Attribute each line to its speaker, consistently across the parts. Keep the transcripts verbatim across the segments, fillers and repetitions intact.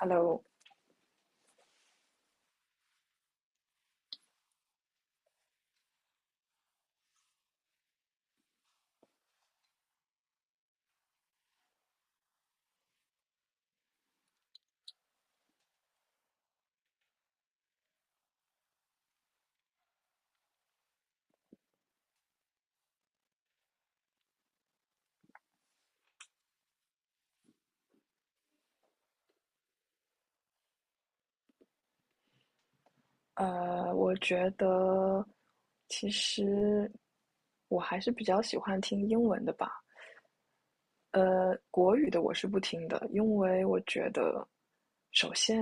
Speaker 1: Hello，呃，我觉得其实我还是比较喜欢听英文的吧。呃，国语的我是不听的，因为我觉得首先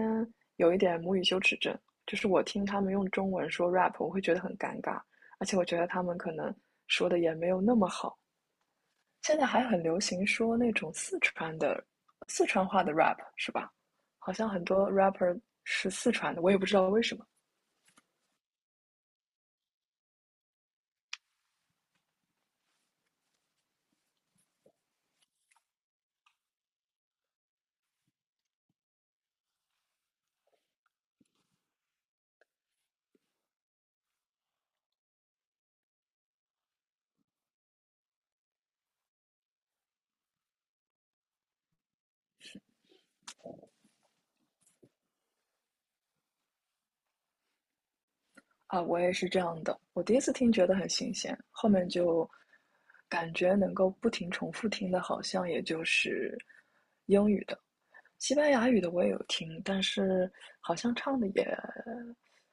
Speaker 1: 有一点母语羞耻症，就是我听他们用中文说 rap，我会觉得很尴尬，而且我觉得他们可能说的也没有那么好。现在还很流行说那种四川的四川话的 rap，是吧？好像很多 rapper 是四川的，我也不知道为什么。啊，我也是这样的。我第一次听觉得很新鲜，后面就感觉能够不停重复听的，好像也就是英语的、西班牙语的我也有听，但是好像唱的也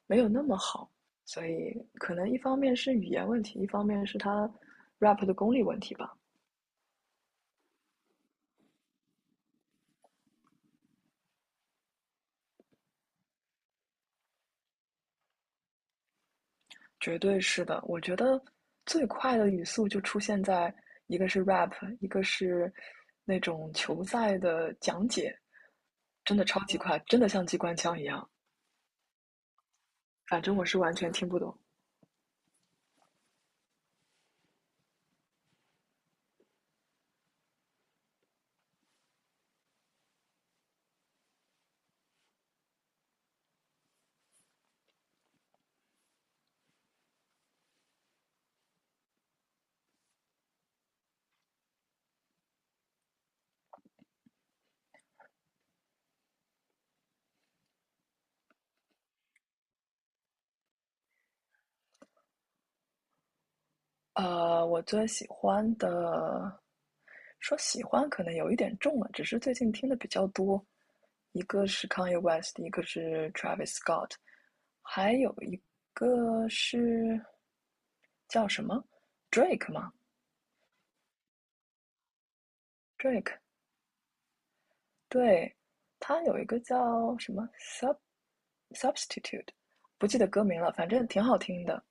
Speaker 1: 没有那么好。所以可能一方面是语言问题，一方面是他 rap 的功力问题吧。绝对是的，我觉得最快的语速就出现在一个是 rap，一个是那种球赛的讲解。真的超级快，真的像机关枪一样。反正我是完全听不懂。呃，我最喜欢的，说喜欢可能有一点重了，只是最近听的比较多。一个是 Kanye West，一个是 Travis Scott，还有一个是叫什么 Drake 吗？Drake，对，他有一个叫什么 Sub Substitute，不记得歌名了，反正挺好听的。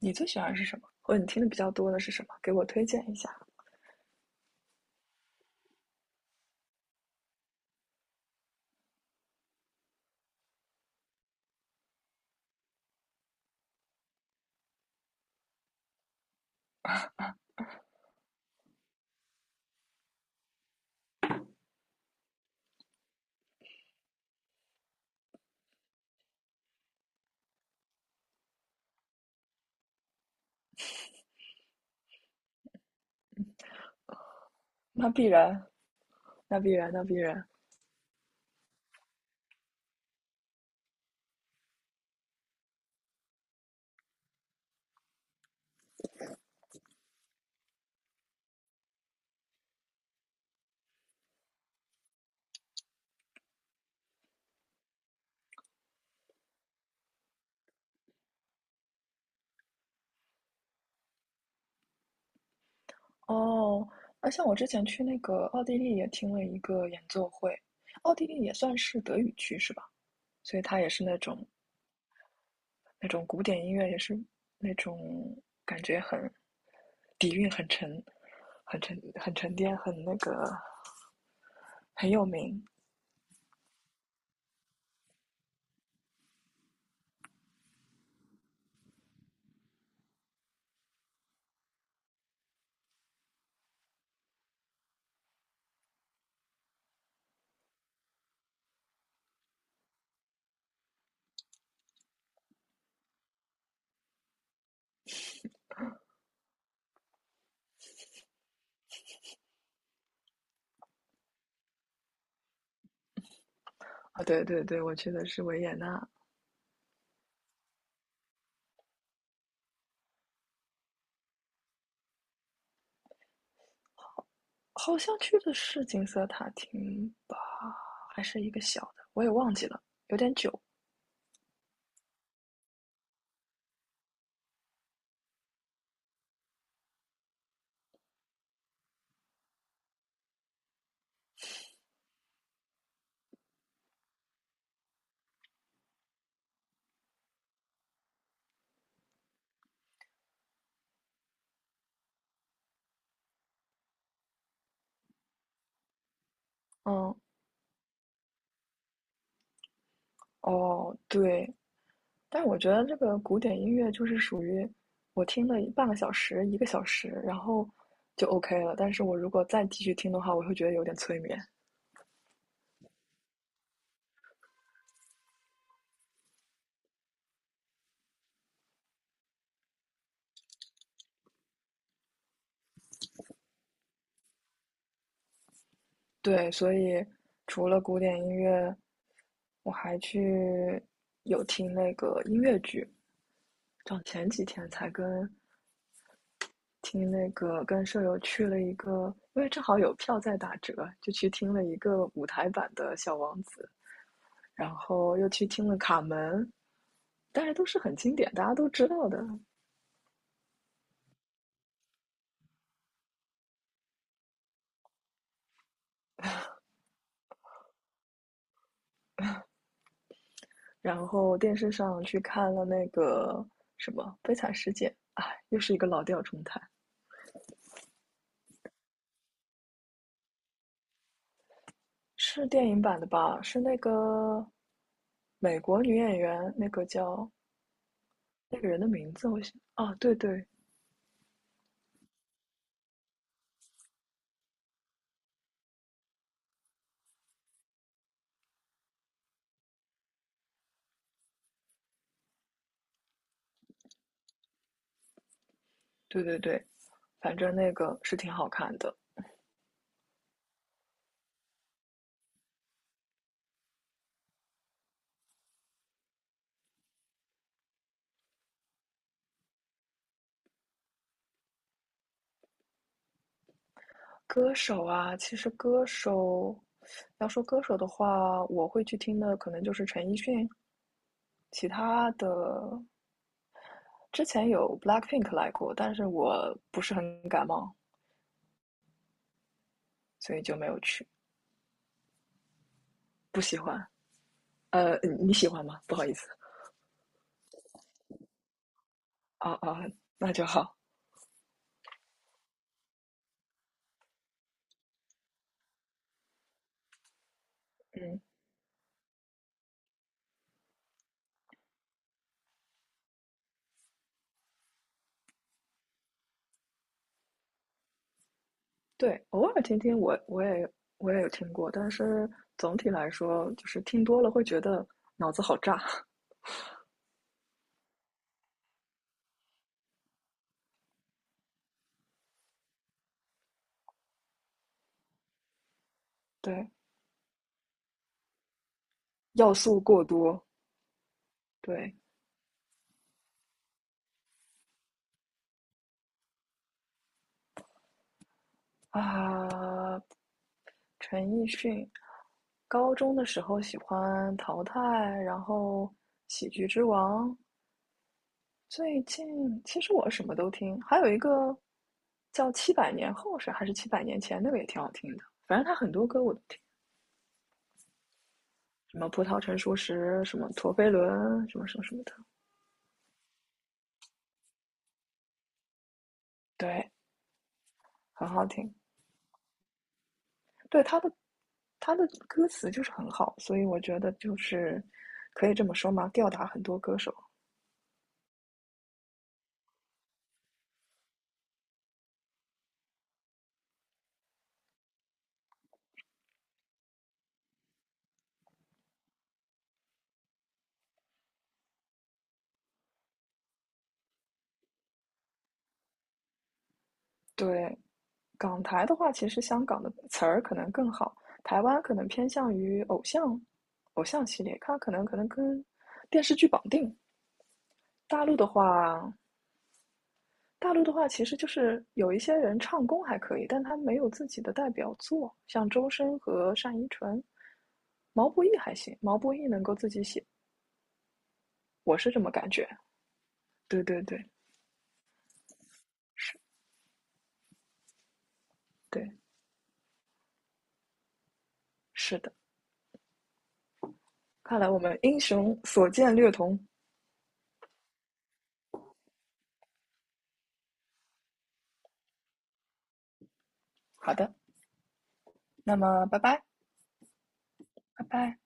Speaker 1: 你最喜欢是什么？或者你听的比较多的是什么？给我推荐一下。那必然，那必然，那必然。哦，而像我之前去那个奥地利也听了一个演奏会，奥地利也算是德语区是吧？所以它也是那种那种古典音乐，也是那种感觉很底蕴很沉、很沉、很沉淀、很那个很有名。啊！对对对，我去的是维也纳。好像去的是金色塔厅吧，还是一个小的，我也忘记了，有点久。嗯，哦，对，但是我觉得这个古典音乐就是属于我听了半个小时、一个小时，然后就 OK 了。但是我如果再继续听的话，我会觉得有点催眠。对，所以除了古典音乐，我还去有听那个音乐剧，像前几天才跟听那个跟舍友去了一个，因为正好有票在打折，就去听了一个舞台版的《小王子》，然后又去听了《卡门》，但是都是很经典，大家都知道的。然后电视上去看了那个什么《悲惨世界》，哎，又是一个老调重弹，是电影版的吧？是那个美国女演员，那个叫那个人的名字，我想，啊，对对对对对，反正那个是挺好看的。歌手啊，其实歌手，要说歌手的话，我会去听的可能就是陈奕迅，其他的之前有 BLACKPINK 来过，但是我不是很感冒，所以就没有去，不喜欢。呃，你喜欢吗？不好意思，啊啊，那就好。嗯，对，偶尔听听我，我也我也有听过，但是总体来说，就是听多了会觉得脑子好炸，对，要素过多，对啊，陈奕迅。高中的时候喜欢《淘汰》，然后《喜剧之王》。最近其实我什么都听，还有一个叫《七百年后》是还是《七百年前》，那个也挺好听的。反正他很多歌我都听，什么《葡萄成熟时》，什么《陀飞轮》，什么什么什么的，对，很好听。对他的他的歌词就是很好，所以我觉得就是可以这么说嘛，吊打很多歌手。对，港台的话，其实香港的词儿可能更好，台湾可能偏向于偶像，偶像系列，它可能可能跟电视剧绑定。大陆的话，大陆的话其实就是有一些人唱功还可以，但他没有自己的代表作，像周深和单依纯，毛不易还行，毛不易能够自己写，我是这么感觉。对对对对，是的。看来我们英雄所见略同。好的，那么拜拜，拜拜。